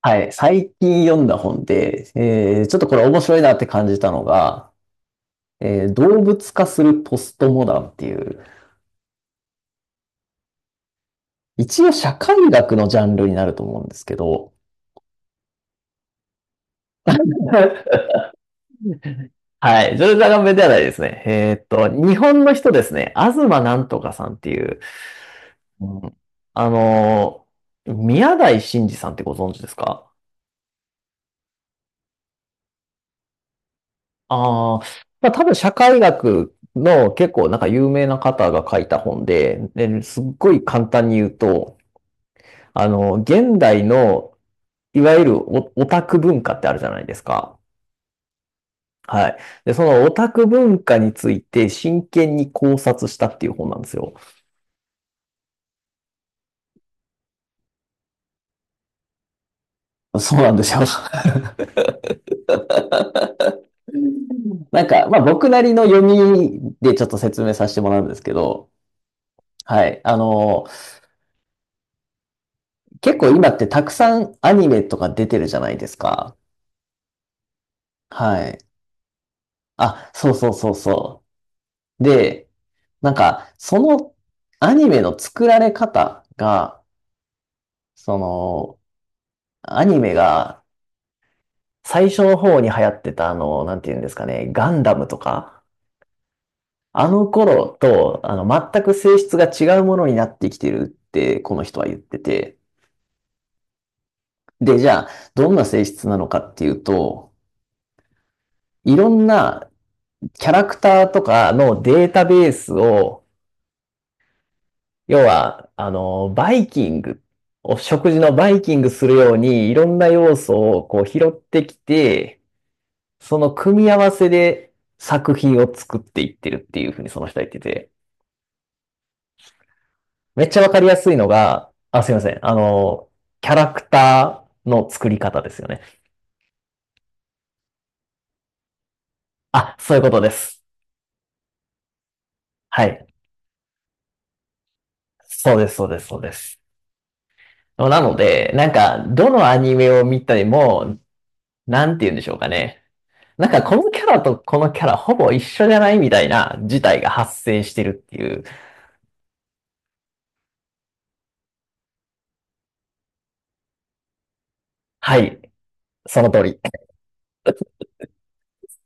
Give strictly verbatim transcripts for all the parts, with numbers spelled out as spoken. はい、最近読んだ本で、えーちょっとこれ面白いなって感じたのが、えー動物化するポストモダンっていう、一応社会学のジャンルになると思うんですけど、はい、ジョルジャガンベではないですね。えーっと、日本の人ですね、東なんとかさんっていう、うん、あのー、宮台真司さんってご存知ですか？ああ、まあ多分社会学の結構なんか有名な方が書いた本で、で、すっごい簡単に言うと、あの、現代の、いわゆるオタク文化ってあるじゃないですか。はい。で、そのオタク文化について真剣に考察したっていう本なんですよ。そうなんですよ。なんか、まあ僕なりの読みでちょっと説明させてもらうんですけど、はい。あの、結構今ってたくさんアニメとか出てるじゃないですか。はい。あ、そうそうそうそう。で、なんか、そのアニメの作られ方が、その、アニメが最初の方に流行ってたあの、なんて言うんですかね、ガンダムとか、あの頃と、あの、全く性質が違うものになってきてるって、この人は言ってて。で、じゃあ、どんな性質なのかっていうと、いろんなキャラクターとかのデータベースを、要は、あの、バイキング、お食事のバイキングするように、いろんな要素をこう拾ってきて、その組み合わせで作品を作っていってるっていうふうにその人は言ってて、めっちゃわかりやすいのが、あ、すいません。あの、キャラクターの作り方ですよね。あ、そういうことです。はい。そうです、そうです、そうです。なので、なんか、どのアニメを見たても、なんて言うんでしょうかね。なんか、このキャラとこのキャラほぼ一緒じゃないみたいな事態が発生してるっていう。はい。その通り。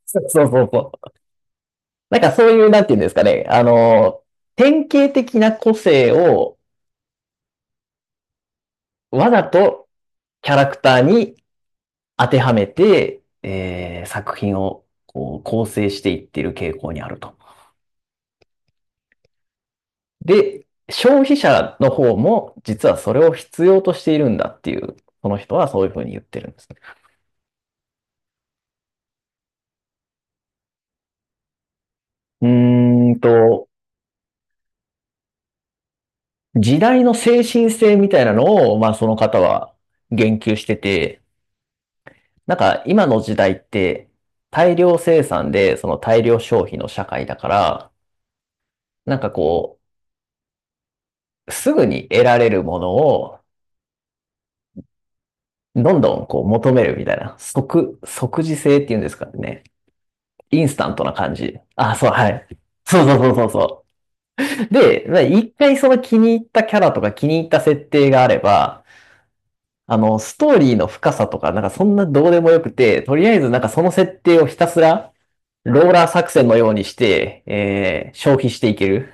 そうそうそう。なんかそういう、なんていうんですかね、あの、典型的な個性をわざとキャラクターに当てはめて、えー作品をこう構成していっている傾向にあると。で、消費者の方も実はそれを必要としているんだっていう、その人はそういうふうに言ってるんですね。うーんと、時代の精神性みたいなのを、まあその方は言及してて、なんか今の時代って大量生産でその大量消費の社会だから、なんかこう、すぐに得られるものをどんどんこう求めるみたいな、即、即時性っていうんですかね。インスタントな感じ。あ、そう、はい。そうそうそうそうそう。で、まあ一回その気に入ったキャラとか気に入った設定があれば、あの、ストーリーの深さとか、なんかそんなどうでもよくて、とりあえずなんかその設定をひたすらローラー作戦のようにして、えー消費していける。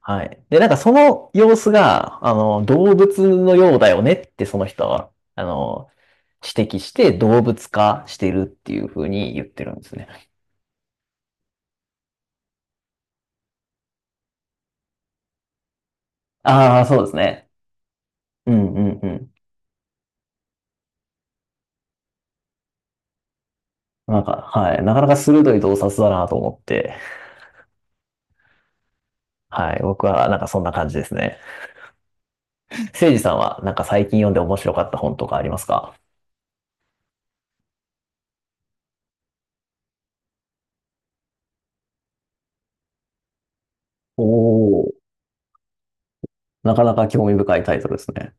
はい。で、なんかその様子が、あの、動物のようだよねってその人は、あの、指摘して動物化してるっていう風に言ってるんですね。ああ、そうですね。うんうんうん。なんか、はい。なかなか鋭い洞察だなと思って、はい。僕はなんかそんな感じですね。せいじさんはなんか最近読んで面白かった本とかありますか？おおー。なかなか興味深いタイトルですね。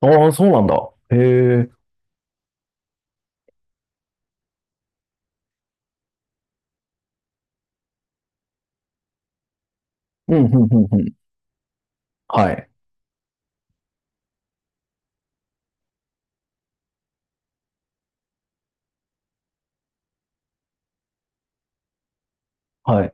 ああ、そうなんだ。へえ。うん、うん、うん、うん。はい。はい。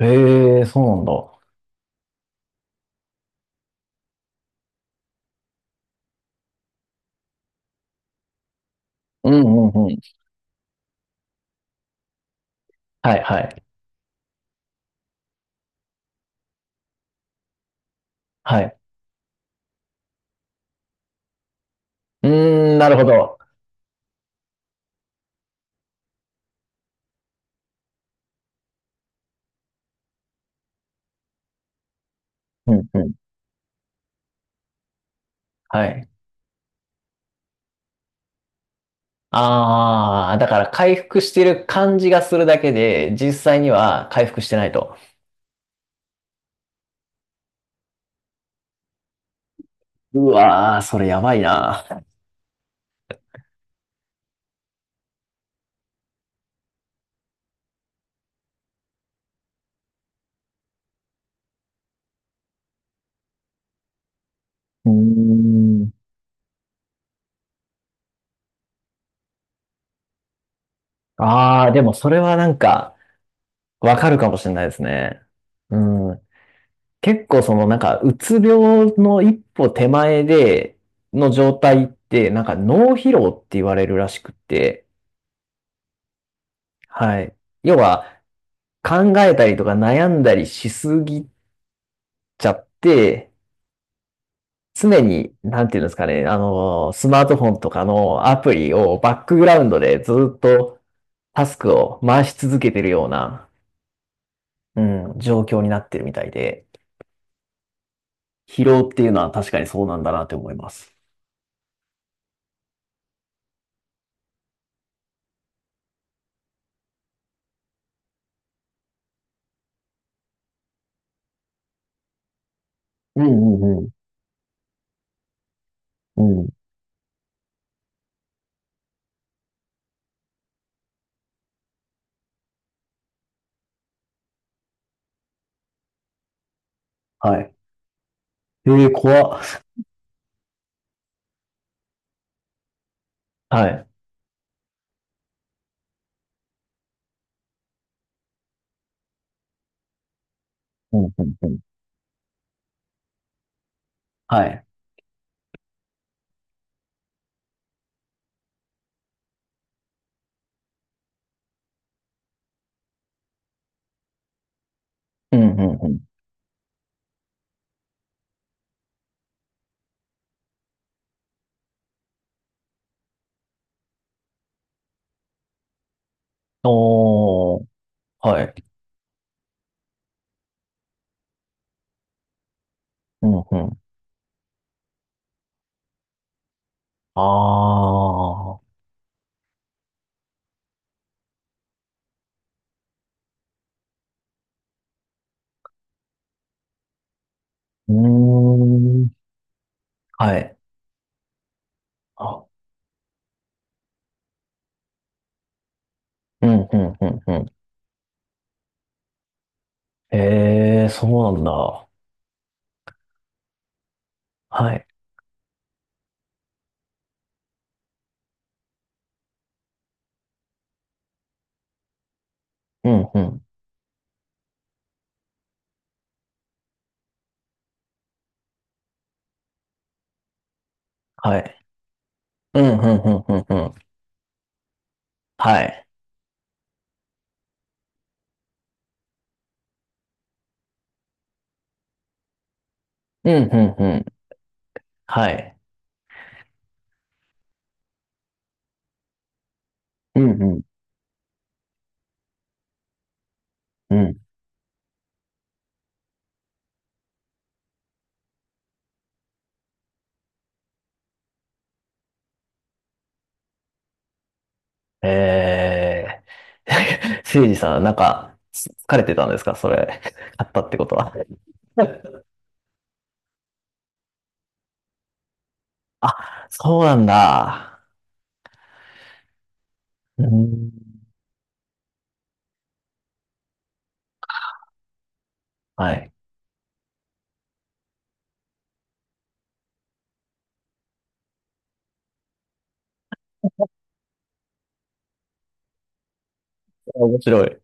へえ、そうなんだ。うん、うん、うん。はい、はい。はい。うーん、なるほど。うん、うん。はい。ああ、だから回復してる感じがするだけで、実際には回復してないと。うわー、それやばいな。うーん。ああ、でもそれはなんか、わかるかもしれないですね。うん。結構そのなんか、うつ病の一歩手前での状態って、なんか脳疲労って言われるらしくって、はい。要は考えたりとか悩んだりしすぎちゃって、常に、なんていうんですかね、あの、スマートフォンとかのアプリをバックグラウンドでずっとタスクを回し続けてるような、うん、状況になってるみたいで、疲労っていうのは確かにそうなんだなって思います。うんうんうん。うん。はい。ええ、怖っ。はい。うんうんうん。はい。うんうんうん。おー、はい。うんうん。あー、うーん。はい。あ、うんうんうんうん。ええ、そうなんだ。はい。うんうん。はい。うんうんうんうんうん。はい。うんうんうん。はい。うんうんうん。ええ、 せいじ さん、なんか、疲れてたんですかそれ、買ったってことは。あ、そうなんだ。うん、はい。面白い。